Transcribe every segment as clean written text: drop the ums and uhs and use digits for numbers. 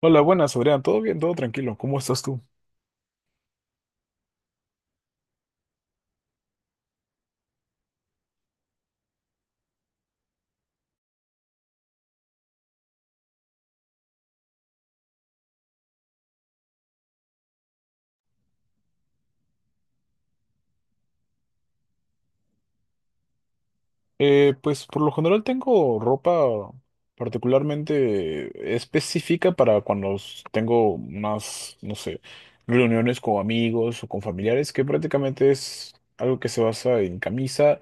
Hola, buenas, Adrián. ¿Todo bien? ¿Todo tranquilo? ¿Cómo estás tú? Pues por lo general tengo ropa particularmente específica para cuando tengo unas, no sé, reuniones con amigos o con familiares, que prácticamente es algo que se basa en camisa,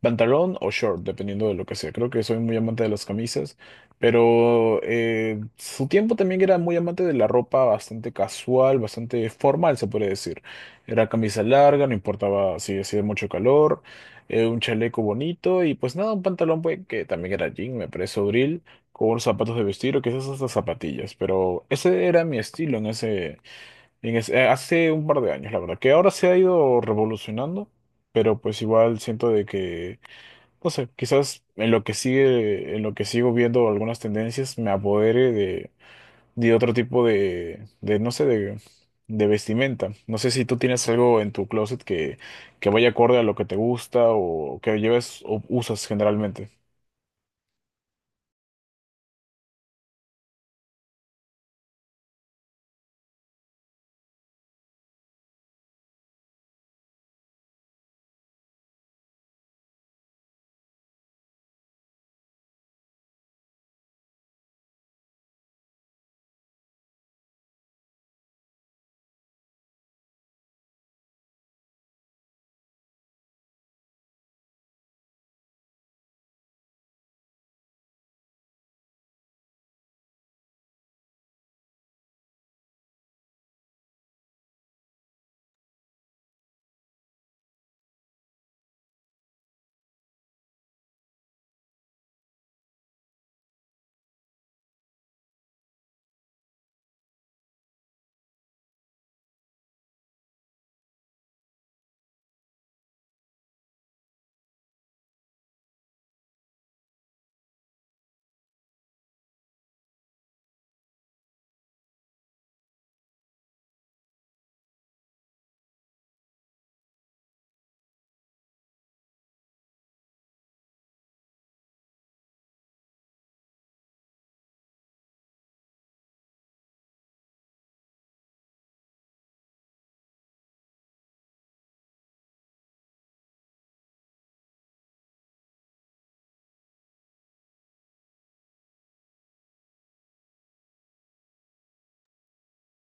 pantalón o short, dependiendo de lo que sea. Creo que soy muy amante de las camisas, pero su tiempo también era muy amante de la ropa bastante casual, bastante formal, se puede decir. Era camisa larga, no importaba si hacía mucho calor, un chaleco bonito y pues nada, un pantalón pues, que también era jean, me parece abril, con unos zapatos de vestir o quizás hasta zapatillas, pero ese era mi estilo en ese, hace un par de años, la verdad, que ahora se ha ido revolucionando, pero pues igual siento de que, no sé, quizás en lo que sigue, en lo que sigo viendo algunas tendencias me apodere de y otro tipo de no sé, de vestimenta. No sé si tú tienes algo en tu closet que vaya acorde a lo que te gusta o que lleves o usas generalmente.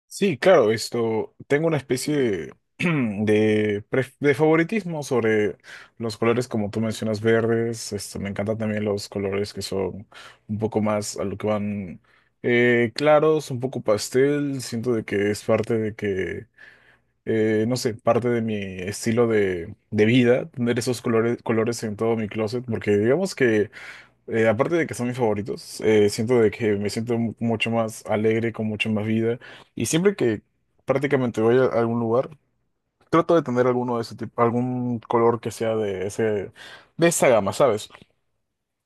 Sí, claro, esto, tengo una especie de, de favoritismo sobre los colores como tú mencionas, verdes. Esto, me encantan también los colores que son un poco más a lo que van, claros, un poco pastel. Siento de que es parte de que no sé, parte de mi estilo de vida, tener esos colores, colores en todo mi closet, porque digamos que, aparte de que son mis favoritos, siento de que me siento mucho más alegre, con mucho más vida, y siempre que prácticamente voy a algún lugar, trato de tener alguno de ese tipo, algún color que sea de ese, de esa gama, ¿sabes?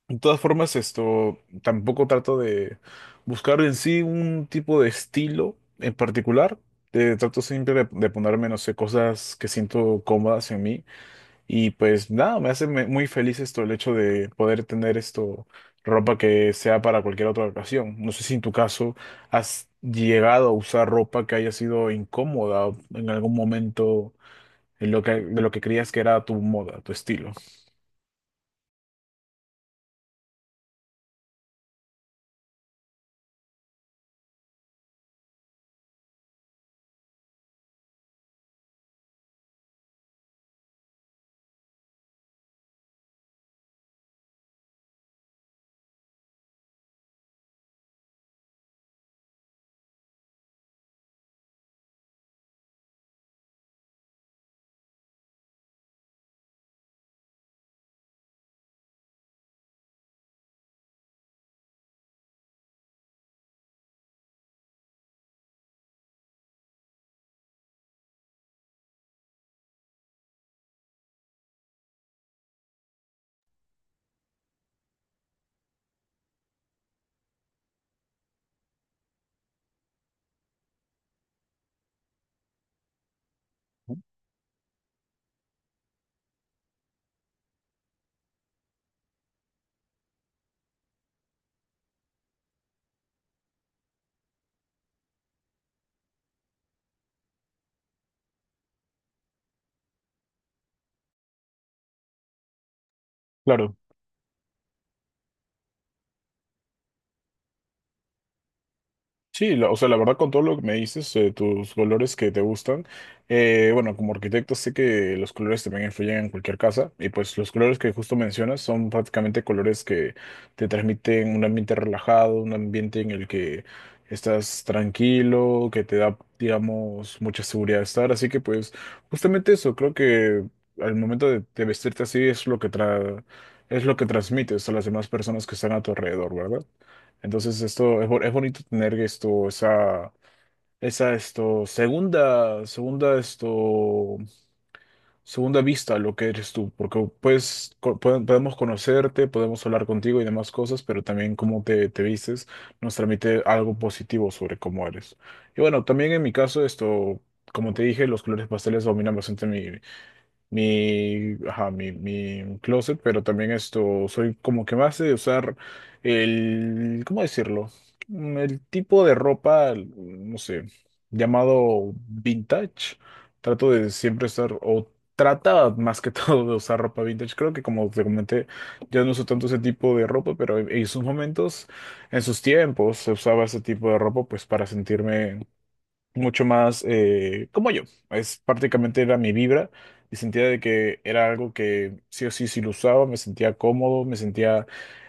De todas formas, esto tampoco trato de buscar en sí un tipo de estilo en particular. Trato siempre de ponerme, no sé, cosas que siento cómodas en mí. Y pues nada, me hace muy feliz esto, el hecho de poder tener esto, ropa que sea para cualquier otra ocasión. No sé si en tu caso has llegado a usar ropa que haya sido incómoda o en algún momento en lo que, de lo que creías que era tu moda, tu estilo. Claro. Sí, o sea, la verdad con todo lo que me dices, tus colores que te gustan, bueno, como arquitecto sé que los colores también influyen en cualquier casa y pues los colores que justo mencionas son prácticamente colores que te transmiten un ambiente relajado, un ambiente en el que estás tranquilo, que te da, digamos, mucha seguridad de estar, así que pues justamente eso, creo que al momento de vestirte así es lo que es lo que transmites a las demás personas que están a tu alrededor, ¿verdad? Entonces esto es, es bonito tener esto, esa esto, segunda esto, segunda vista a lo que eres tú, porque pues podemos conocerte, podemos hablar contigo y demás cosas, pero también cómo te, te vistes nos transmite algo positivo sobre cómo eres. Y bueno, también en mi caso esto, como te dije, los colores pasteles dominan bastante mi, ajá, mi closet, pero también esto, soy como que más de usar el, ¿cómo decirlo? Mm, el tipo de ropa, no sé, llamado vintage. Trato de siempre estar, o trata más que todo de usar ropa vintage. Creo que como te comenté, ya no uso tanto ese tipo de ropa, pero en sus momentos, en sus tiempos, se usaba ese tipo de ropa pues para sentirme mucho más, como yo. Es prácticamente era mi vibra y sentía de que era algo que sí o sí, si lo usaba, me sentía cómodo, me sentía,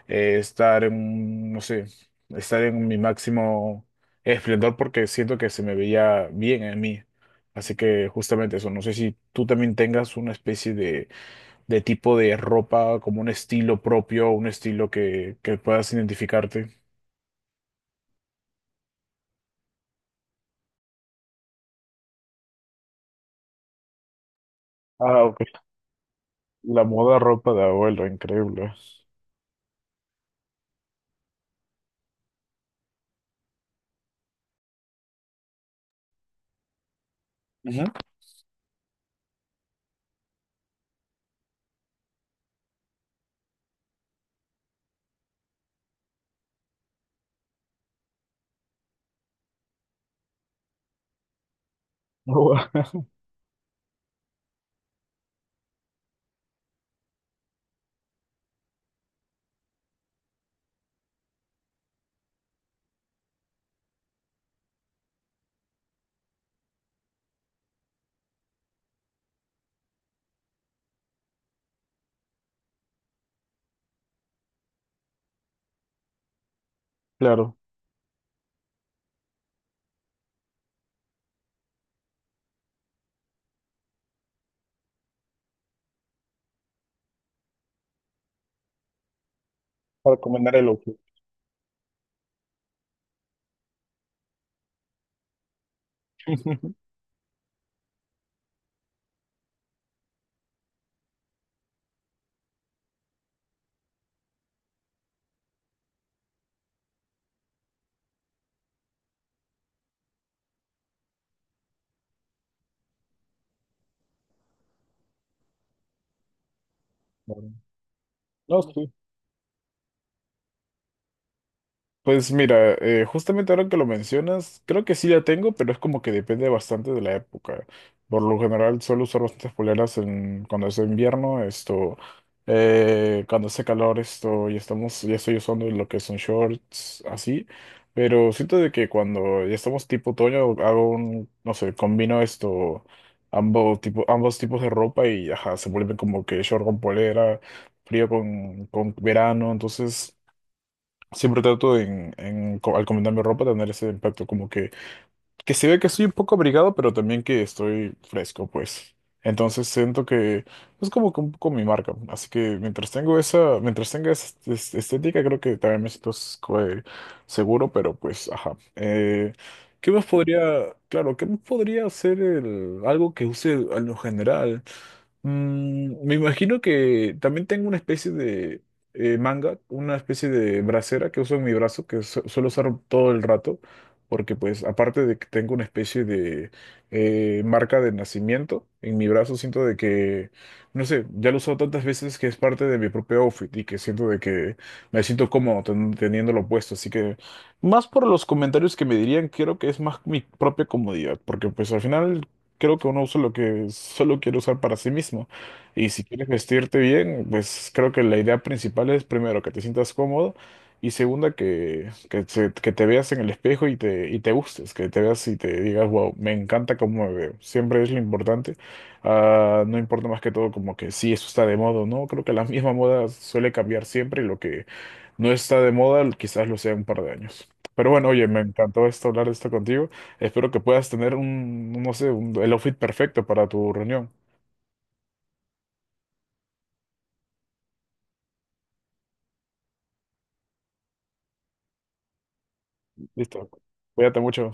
estar en, no sé, estar en mi máximo esplendor porque siento que se me veía bien en mí. Así que justamente eso, no sé si tú también tengas una especie de tipo de ropa, como un estilo propio, un estilo que puedas identificarte. Ah, ok. La moda ropa de abuelo, increíble. Claro, para comer el opio. Claro. No, sí. Pues mira, justamente ahora que lo mencionas, creo que sí la tengo, pero es como que depende bastante de la época. Por lo general suelo usar bastantes poleras en, cuando es invierno, esto, cuando hace calor, esto, ya estamos, ya estoy usando lo que son shorts, así. Pero siento de que cuando ya estamos tipo otoño, hago un, no sé, combino esto, ambos, tipo, ambos tipos de ropa y ajá, se vuelve como que short con polera, frío con verano, entonces... Siempre trato en, al combinarme ropa tener ese impacto, como que se ve que estoy un poco abrigado, pero también que estoy fresco, pues. Entonces siento que es como que un poco mi marca. Así que mientras tengo esa, mientras tenga esa estética, creo que también me siento seguro, pero pues, ajá. ¿Qué más podría, claro, qué más podría ser el, algo que use en lo general? Mm, me imagino que también tengo una especie de, manga, una especie de bracera que uso en mi brazo, que suelo usar todo el rato, porque pues aparte de que tengo una especie de, marca de nacimiento en mi brazo, siento de que, no sé, ya lo he usado tantas veces que es parte de mi propio outfit y que siento de que me siento cómodo teniéndolo puesto, así que más por los comentarios que me dirían, creo que es más mi propia comodidad, porque pues al final creo que uno usa lo que solo quiere usar para sí mismo. Y si quieres vestirte bien, pues creo que la idea principal es primero que te sientas cómodo y segunda que te veas en el espejo y te gustes, que te veas y te digas, wow, me encanta cómo me veo. Siempre es lo importante. Ah, no importa más que todo como que si eso está de moda o no. Creo que la misma moda suele cambiar siempre y lo que no está de moda, quizás lo sea en un par de años. Pero bueno, oye, me encantó esto, hablar de esto contigo. Espero que puedas tener un, no sé, el outfit perfecto para tu reunión. Listo. Cuídate mucho.